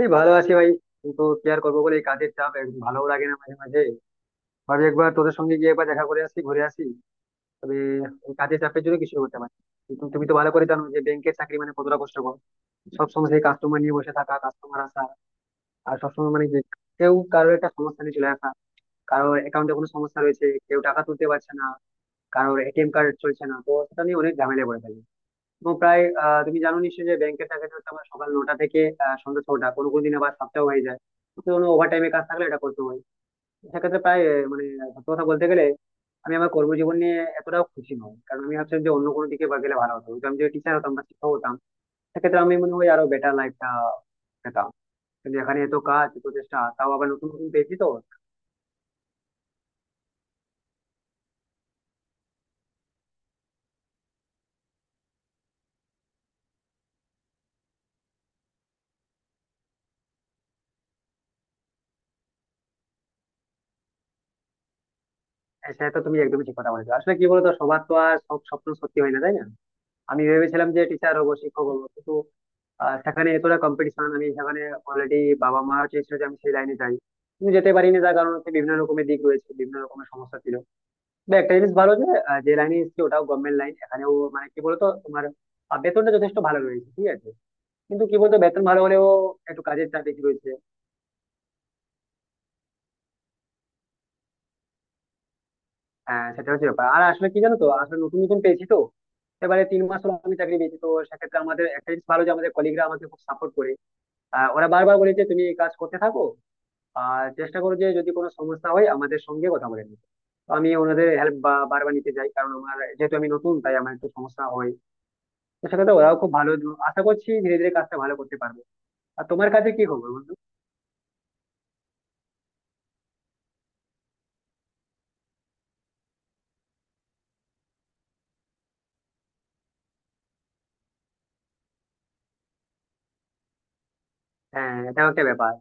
এই ভালো আছি ভাই। কিন্তু কি আর করবো বলে এই কাজের চাপ ভালোও লাগে না মাঝে মাঝে ভাবি একবার তোদের সঙ্গে গিয়ে একবার দেখা করে আসি ঘুরে আসি। তবে এই কাজের চাপের জন্য কিছু করতে পারি। কিন্তু তুমি তো ভালো করে জানো যে ব্যাংকের চাকরি মানে কতটা কষ্টকর। সবসময় সেই কাস্টমার নিয়ে বসে থাকা, কাস্টমার আসা, আর সবসময় মানে যে কেউ কারোর একটা সমস্যা নিয়ে চলে আসা, কারোর অ্যাকাউন্টে কোনো সমস্যা রয়েছে, কেউ টাকা তুলতে পারছে না, কারোর এটিএম কার্ড চলছে না, তো সেটা নিয়ে অনেক ঝামেলায় পড়ে থাকে। এবং প্রায় তুমি জানো নিশ্চয়ই যে ব্যাংকের চাকরিটা হচ্ছে আমার সকাল 9টা থেকে সন্ধ্যা 6টা, কোনো কোনো দিন আবার 7টাও হয়ে যায়। তো কোনো ওভার টাইমে কাজ থাকলে এটা করতে হয়। সেক্ষেত্রে প্রায় মানে সত্যি কথা বলতে গেলে আমি আমার কর্মজীবন নিয়ে এতটাও খুশি নই, কারণ আমি ভাবছিলাম যে অন্য কোনো দিকে বা গেলে ভালো হতো, হয়তো আমি যদি টিচার হতাম বা শিক্ষক হতাম সেক্ষেত্রে আমি মনে হয় আরো বেটার লাইফটা পেতাম। কিন্তু এখানে এত কাজ, এত চেষ্টা, তাও আবার নতুন নতুন পেয়েছি তো। হ্যাঁ, সেটা তো তুমি একদমই ঠিক কথা বলেছো। আসলে কি বলতো, সবার তো আর সব স্বপ্ন সত্যি হয় না, তাই না। আমি ভেবেছিলাম যে টিচার হবো, শিক্ষক হবো, কিন্তু আর সেখানে এতটা কম্পিটিশন, আমি সেখানে অলরেডি বাবা মা চেয়েছিল যে আমি সেই লাইনে যাই, কিন্তু যেতে পারিনি। তার কারণ হচ্ছে বিভিন্ন রকমের দিক রয়েছে, বিভিন্ন রকমের সমস্যা ছিল। তবে একটা জিনিস ভালো যে যে লাইনে এসেছি ওটাও গভর্নমেন্ট লাইন, এখানেও মানে কি বলতো তোমার বেতনটা যথেষ্ট ভালো রয়েছে, ঠিক আছে। কিন্তু কি বলতো, বেতন ভালো হলেও একটু কাজের চাপ বেশি রয়েছে। হ্যাঁ, সেটা হচ্ছে ব্যাপার। আর আসলে কি জানো তো, আসলে নতুন নতুন পেয়েছি তো। এবারে 3 মাস হলো আমি চাকরি পেয়েছি, তো সেক্ষেত্রে আমাদের একটা জিনিস ভালো যে আমাদের কলিগরা আমাকে খুব সাপোর্ট করে। ওরা বারবার বলেছে তুমি এই কাজ করতে থাকো আর চেষ্টা করো যে যদি কোনো সমস্যা হয় আমাদের সঙ্গে কথা বলে নিতে। তো আমি ওনাদের হেল্প বারবার নিতে যাই কারণ আমার যেহেতু আমি নতুন, তাই আমার একটু সমস্যা হয়। তো সেক্ষেত্রে ওরাও খুব ভালো। আশা করছি ধীরে ধীরে কাজটা ভালো করতে পারবে। আর তোমার কাছে কি খবর বন্ধু? হ্যাঁ, এটাও একটা ব্যাপার।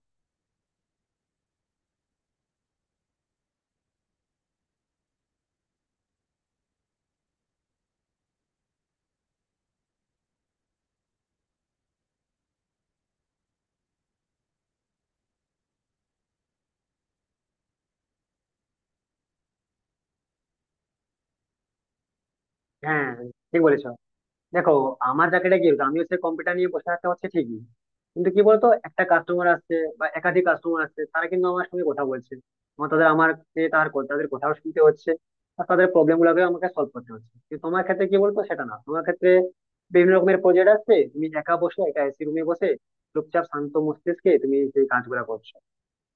হ্যাঁ, ঠিক বলেছো। দেখো, আমার চাকরিটা কি হতো? আমিও সে কম্পিউটার নিয়ে বসে থাকতে হচ্ছে ঠিকই, কিন্তু কি বলতো একটা কাস্টমার আসছে বা একাধিক কাস্টমার আসছে, তারা কিন্তু আমার সঙ্গে কথা বলছে, আমার তাদের আমার কে তার তাদের কথাও শুনতে হচ্ছে। আর তাদের প্রবলেম গুলোকে আমাকে সলভ করতে হচ্ছে। কিন্তু তোমার ক্ষেত্রে কি বলতো, সেটা না, তোমার ক্ষেত্রে বিভিন্ন রকমের প্রজেক্ট আসছে, তুমি একা বসে, একা এসি রুমে বসে চুপচাপ শান্ত মস্তিষ্কে তুমি সেই কাজগুলো করছো।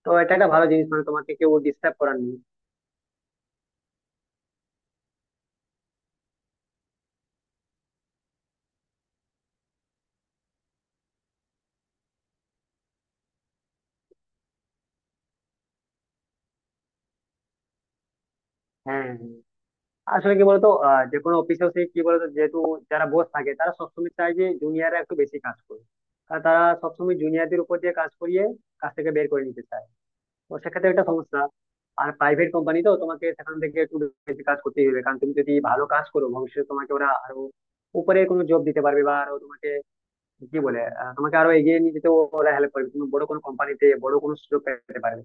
তো এটা একটা ভালো জিনিস, মানে তোমাকে কেউ ডিস্টার্ব করার নেই। হ্যাঁ, আসলে কি বলতো যে কোনো অফিসেও সেই কি বলতো, যেহেতু যারা বস থাকে তারা সবসময় চায় যে জুনিয়ররা একটু বেশি কাজ করুক। কারণ তারা সবসময় জুনিয়রদের উপর দিয়ে কাজ করিয়ে কাজ থেকে বের করে নিতে চায়। তো সেক্ষেত্রে একটা সমস্যা। আর প্রাইভেট কোম্পানি তো তোমাকে সেখান থেকে একটু বেশি কাজ করতেই হবে, কারণ তুমি যদি ভালো কাজ করো ভবিষ্যতে তোমাকে ওরা আরো উপরে কোনো জব দিতে পারবে, বা আরো তোমাকে কি বলে তোমাকে আরো এগিয়ে নিয়ে যেতে ওরা হেল্প করবে, তুমি বড় কোনো কোম্পানিতে বড় কোনো সুযোগ পেতে পারবে।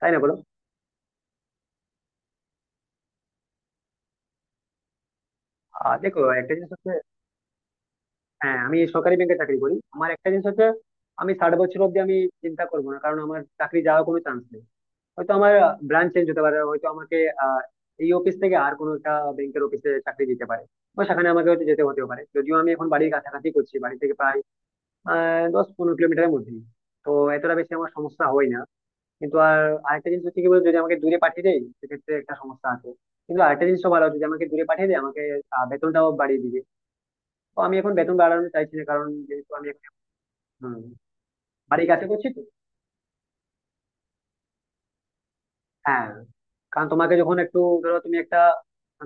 তাই না বলো। আর দেখো, একটা জিনিস হচ্ছে, হ্যাঁ, আমি সরকারি ব্যাংকে চাকরি করি। আমার একটা জিনিস হচ্ছে আমি 60 বছর অব্দি আমি চিন্তা করবো না, কারণ আমার চাকরি যাওয়ার কোনো চান্স নেই। হয়তো আমার ব্রাঞ্চ চেঞ্জ হতে পারে, হয়তো আমাকে আহ, এই অফিস থেকে আর কোনো একটা ব্যাংকের অফিসে চাকরি দিতে পারে, বা সেখানে আমাকে হয়তো যেতে হতেও পারে। যদিও আমি এখন বাড়ির কাছাকাছি করছি, বাড়ি থেকে প্রায় 10-15 কিলোমিটারের মধ্যে। তো এতটা বেশি আমার সমস্যা হয় না। কিন্তু আর আরেকটা জিনিস হচ্ছে কি বলতো, যদি আমাকে দূরে পাঠিয়ে দেয় সেক্ষেত্রে একটা সমস্যা আছে। কিন্তু আরেকটা জিনিসও ভালো, যদি আমাকে দূরে পাঠিয়ে দেয় আমাকে বেতনটাও বাড়িয়ে দিবে। তো আমি এখন বেতন বাড়ানো চাইছি না, কারণ যেহেতু আমি, হুম, বাড়ির কাছে করছি তো। হ্যাঁ, কারণ তোমাকে যখন একটু, ধরো তুমি একটা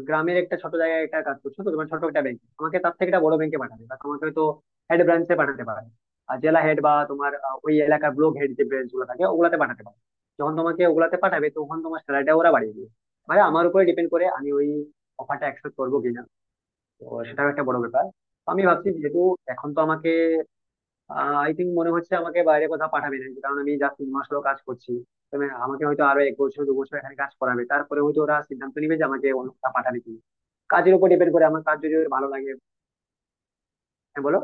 গ্রামের একটা ছোট জায়গায় একটা কাজ করছো, তো তোমার ছোট একটা ব্যাংক আমাকে তার থেকে একটা বড় ব্যাংকে পাঠাবে, বা তোমাকে হয়তো হেড ব্রাঞ্চে পাঠাতে পারে, আর জেলা হেড বা তোমার ওই এলাকার ব্লক হেড যে ব্রাঞ্চ গুলো থাকে ওগুলাতে পাঠাতে পারে। যখন তোমাকে ওগুলাতে পাঠাবে তখন তোমার স্যালারিটা ওরা বাড়িয়ে দেবে। মানে আমার উপরে ডিপেন্ড করে আমি ওই অফারটা অ্যাকসেপ্ট করবো কিনা। তো সেটাও একটা বড় ব্যাপার। তো আমি ভাবছি যেহেতু এখন তো আমাকে আই থিঙ্ক মনে হচ্ছে আমাকে বাইরে কোথাও পাঠাবে না, কারণ আমি যা 3 মাস হলো কাজ করছি। তবে আমাকে হয়তো আরো 1 বছর 2 বছর এখানে কাজ করাবে, তারপরে হয়তো ওরা সিদ্ধান্ত নিবে যে আমাকে অন্য কোথাও পাঠাবে কিনা, কাজের উপর ডিপেন্ড করে। আমার কাজ যদি ওর ভালো লাগে। হ্যাঁ বলো।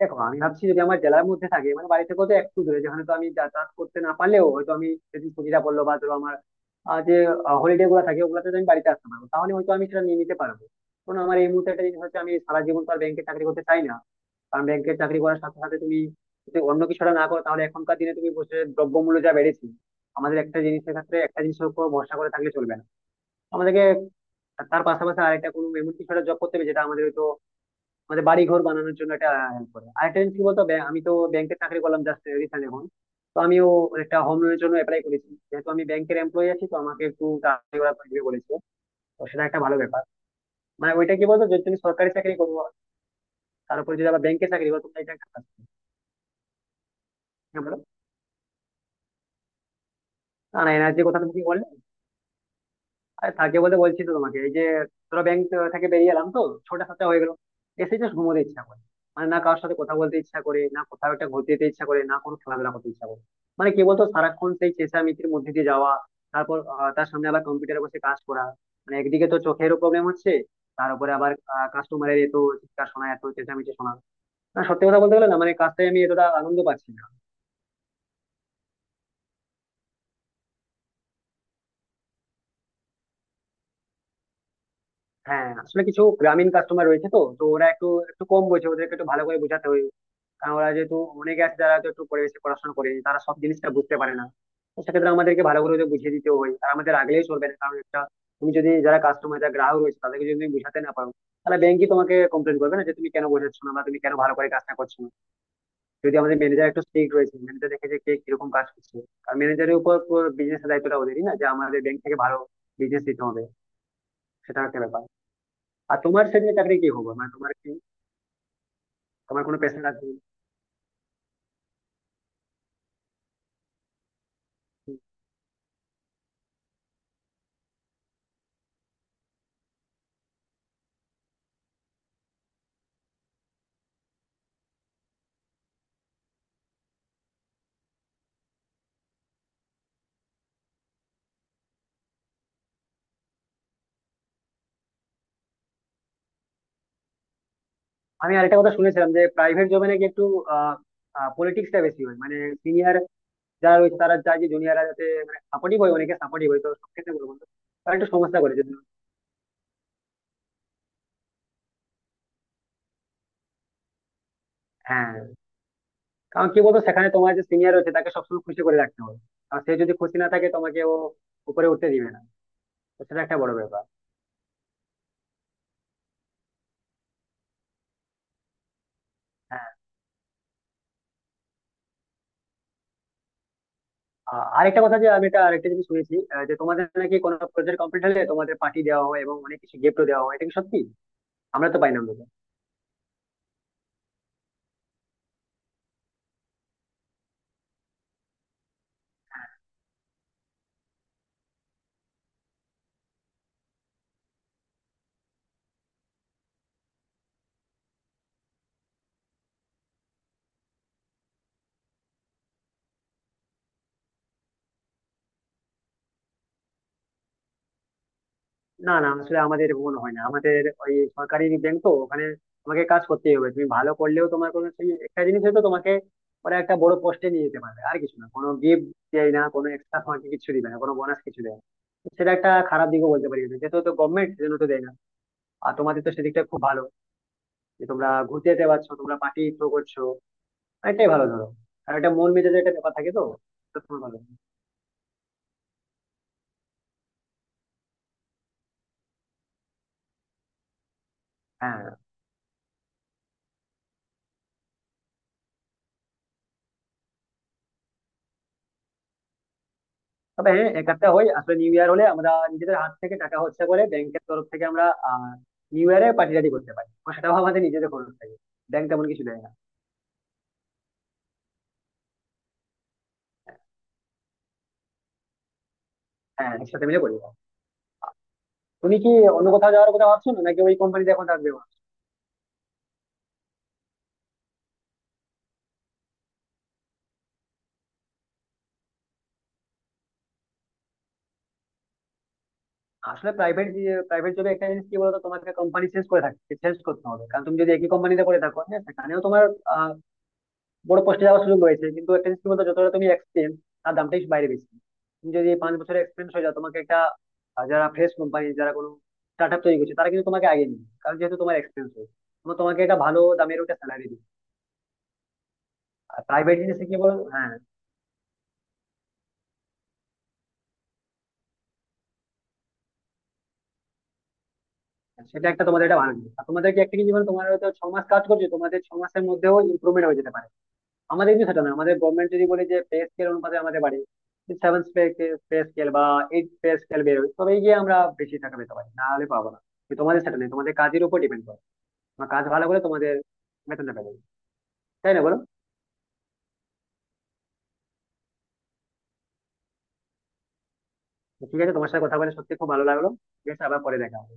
দেখো আমি ভাবছি যদি আমার জেলার মধ্যে থাকে, মানে বাড়ি থেকে তো একটু দূরে যেখানে, তো আমি যাতায়াত করতে না পারলেও হয়তো আমি যদি ছুটিটা বললো, বা ধরো আমার যে হলিডে গুলো থাকে ওগুলোতে তো আমি বাড়িতে আসতে পারবো, তাহলে হয়তো আমি সেটা নিয়ে নিতে পারবো। কারণ আমার এই মুহূর্তে একটা জিনিস হচ্ছে, আমি সারা জীবন তো আর ব্যাংকে চাকরি করতে চাই না। কারণ ব্যাংকের চাকরি করার সাথে সাথে তুমি যদি অন্য কিছুটা না করো তাহলে এখনকার দিনে, তুমি বসে, দ্রব্যমূল্য যা বেড়েছে, আমাদের একটা জিনিসের ক্ষেত্রে একটা জিনিসের উপর ভরসা করে থাকলে চলবে না। আমাদেরকে তার পাশাপাশি আরেকটা কোনো এমন কিছু জব করতে হবে যেটা আমাদের হয়তো আমাদের বাড়ি ঘর বানানোর জন্য এটা হেল্প করে। আরেকটা জিনিস কি বলতো, আমি তো ব্যাংকের চাকরি করলাম জাস্ট রিসেন্ট এখন, তো আমিও একটা হোম লোনের জন্য অ্যাপ্লাই করেছি। যেহেতু আমি ব্যাংকের এমপ্লয়ি আছি তো আমাকে একটু তাড়াতাড়ি ওরা দিবে বলেছে। তো সেটা একটা ভালো ব্যাপার। মানে ওইটা কি বলতো, যদি তুমি সরকারি চাকরি করবো, তারপরে যদি আবার ব্যাংকে চাকরি করো তুমি, এটা একটা কাজ। হ্যাঁ, বলো। না না, এনার্জির কথা তুমি কি, আরে থাকে বলতে বলছি তো তোমাকে এই যে, ধরো ব্যাংক থেকে বেরিয়ে এলাম তো, 6টা-7টা হয়ে গেল, এসে জাস্ট ঘুমোতে ইচ্ছা করে। মানে না কারোর সাথে কথা বলতে ইচ্ছা করে, না কোথাও একটা ঘুরতে যেতে ইচ্ছা করে, না কোনো খেলাধুলা করতে ইচ্ছা করে। মানে কি বলতো সারাক্ষণ সেই চেঁচামেচির মধ্যে দিয়ে যাওয়া, তারপর তার সামনে আবার কম্পিউটারে বসে কাজ করা, মানে একদিকে তো চোখেরও প্রবলেম হচ্ছে, তার উপরে আবার কাস্টমারের এত চিৎকার শোনা, এত চেঁচামেচি শোনা। না সত্যি কথা বলতে গেলে না মানে কাজটাই আমি এতটা আনন্দ পাচ্ছি না। হ্যাঁ আসলে কিছু গ্রামীণ কাস্টমার রয়েছে তো তো ওরা একটু একটু কম বোঝে, ওদেরকে একটু ভালো করে বোঝাতে হয়। আমরা যেহেতু অনেকে আছে যারা তো একটু পরিবেশে পড়াশোনা করেনি, তারা সব জিনিসটা বুঝতে পারে না। তো সেক্ষেত্রে আমাদেরকে ভালো করে ওদের বুঝিয়ে দিতে হয়। আর আমাদের আগলেই চলবে না, কারণ একটা, তুমি যদি যারা কাস্টমার যারা গ্রাহক রয়েছে তাদেরকে যদি তুমি বুঝাতে না পারো, তাহলে ব্যাংকই তোমাকে কমপ্লেন করবে না যে তুমি কেন বোঝাচ্ছ না, বা তুমি কেন ভালো করে কাজটা করছো না। যদি আমাদের ম্যানেজার একটু স্ট্রিক্ট রয়েছে, ম্যানেজার দেখে যে কে কিরকম কাজ করছে। আর ম্যানেজারের উপর বিজনেসের দায়িত্বটা ওদেরই, না, যে আমাদের ব্যাংক থেকে ভালো বিজনেস দিতে হবে। সেটা একটা ব্যাপার। আর তোমার সেদিনে চাকরি কি হবে, মানে তোমার কি, তোমার কোনো পেশা আছে? আমি আরেকটা কথা শুনেছিলাম যে প্রাইভেট জবে নাকি একটু পলিটিক্সটা বেশি হয়, মানে সিনিয়র যারা রয়েছে তারা চায় যে জুনিয়ররা যাতে মানে সাপোর্টিভ হয়। অনেকে সাপোর্টিভ হয়, তো সব ক্ষেত্রে বলবো না, তারা একটু সমস্যা করে যদি। হ্যাঁ, কারণ কি বলতো সেখানে তোমার যে সিনিয়র রয়েছে তাকে সবসময় খুশি করে রাখতে হবে। আর সে যদি খুশি না থাকে তোমাকে ও উপরে উঠতে দিবে না। তো সেটা একটা বড় ব্যাপার। হ্যাঁ। আরেকটা কথা যে আমি এটা আরেকটা জিনিস শুনেছি যে তোমাদের নাকি কোনো প্রজেক্ট কমপ্লিট হলে তোমাদের পার্টি দেওয়া হয় এবং অনেক কিছু গিফটও দেওয়া হয়, এটা কি সত্যি? আমরা তো পাই না। না না আসলে আমাদের এমন হয় না, আমাদের ওই সরকারি ব্যাংক তো, ওখানে তোমাকে কাজ করতেই হবে, তুমি ভালো করলেও তোমার কোনো, সেই একটা জিনিস হয়তো তোমাকে ওরা একটা বড় পোস্টে নিয়ে যেতে পারবে, আর কিছু না, কোনো গিফট দেয় না, কোনো এক্সট্রা তোমাকে কিছু দিবে না, কোনো বোনাস কিছু দেয় না। সেটা একটা খারাপ দিকও বলতে পারি আমি। যেহেতু তো গভর্নমেন্ট, সেজন্য তো দেয় না। আর তোমাদের তো সেদিকটা খুব ভালো, যে তোমরা ঘুরতে যেতে পারছো, তোমরা পার্টি থ্রো করছো। এটাই ভালো ধরো। আর একটা মন মেজাজের একটা ব্যাপার থাকে তো, তো তোমার ভালো। তবে হ্যাঁ, একটা হয়, আসলে নিউ ইয়ার হলে আমরা নিজেদের হাত থেকে টাকা খরচা করে ব্যাংকের তরফ থেকে আমরা আহ নিউ ইয়ারে পার্টি টাটি করতে পারি, তো সেটাও আমাদের নিজেদের খরচ থাকে। ব্যাংক তেমন কিছু দেয় না। হ্যাঁ, একসাথে মিলে করি। তুমি কি অন্য কোথাও যাওয়ার কথা ভাবছো না, নাকি ওই কোম্পানিতে এখন থাকবে? আসলে প্রাইভেট প্রাইভেট জবে একটা জিনিস কি বলতো, তোমাকে কোম্পানি চেঞ্জ করে থাকতে, চেঞ্জ করতে হবে, কারণ তুমি যদি একই কোম্পানিতে করে থাকো, হ্যাঁ সেখানেও তোমার বড় পোস্টে যাওয়ার সুযোগ রয়েছে, কিন্তু একটা জিনিস কি বলতো, যতটা তুমি এক্সপিরিয়েন্স তার দামটাই বাইরে বেশি। তুমি যদি এই 5 বছরের এক্সপিরিয়েন্স হয়ে যাও তোমাকে একটা, যারা ফ্রেশ কোম্পানি, যারা কোনো স্টার্ট আপ তৈরি করছে, তারা কিন্তু তোমাকে আগে নিবে, কারণ যেহেতু তোমার এক্সপিরিয়েন্স রয়েছে। তোমার, তোমাকে একটা ভালো দামের ওটা স্যালারি দিবে। আর প্রাইভেট জিনিসে কি বলো, হ্যাঁ, সেটা একটা তোমাদের একটা ভালো জিনিস। আর তোমাদেরকে একটা কি, জীবন তোমার হয়তো 6 মাস কাজ করছো, তোমাদের 6 মাসের মধ্যেও ইমপ্রুভমেন্ট হয়ে যেতে পারে। আমাদের কিন্তু সেটা না, আমাদের গভর্নমেন্ট যদি বলে যে পে স্কেল অনুপাতে আমাদের বাড়ে। সেভেন পে স্কেল বা এইট পে স্কেল বেরোয়, তবেই গিয়ে আমরা বেশি টাকা পেতে পারি, না হলে পাবো না। কিন্তু তোমাদের সেটা নেই, তোমাদের কাজের উপর ডিপেন্ড করে, তোমার কাজ ভালো করে তোমাদের বেতনটা পেয়ে যাবে। তাই না বলো। তো ঠিক আছে, তোমার সাথে কথা বলে সত্যি খুব ভালো লাগলো। ঠিক আছে, আবার পরে দেখা হবে।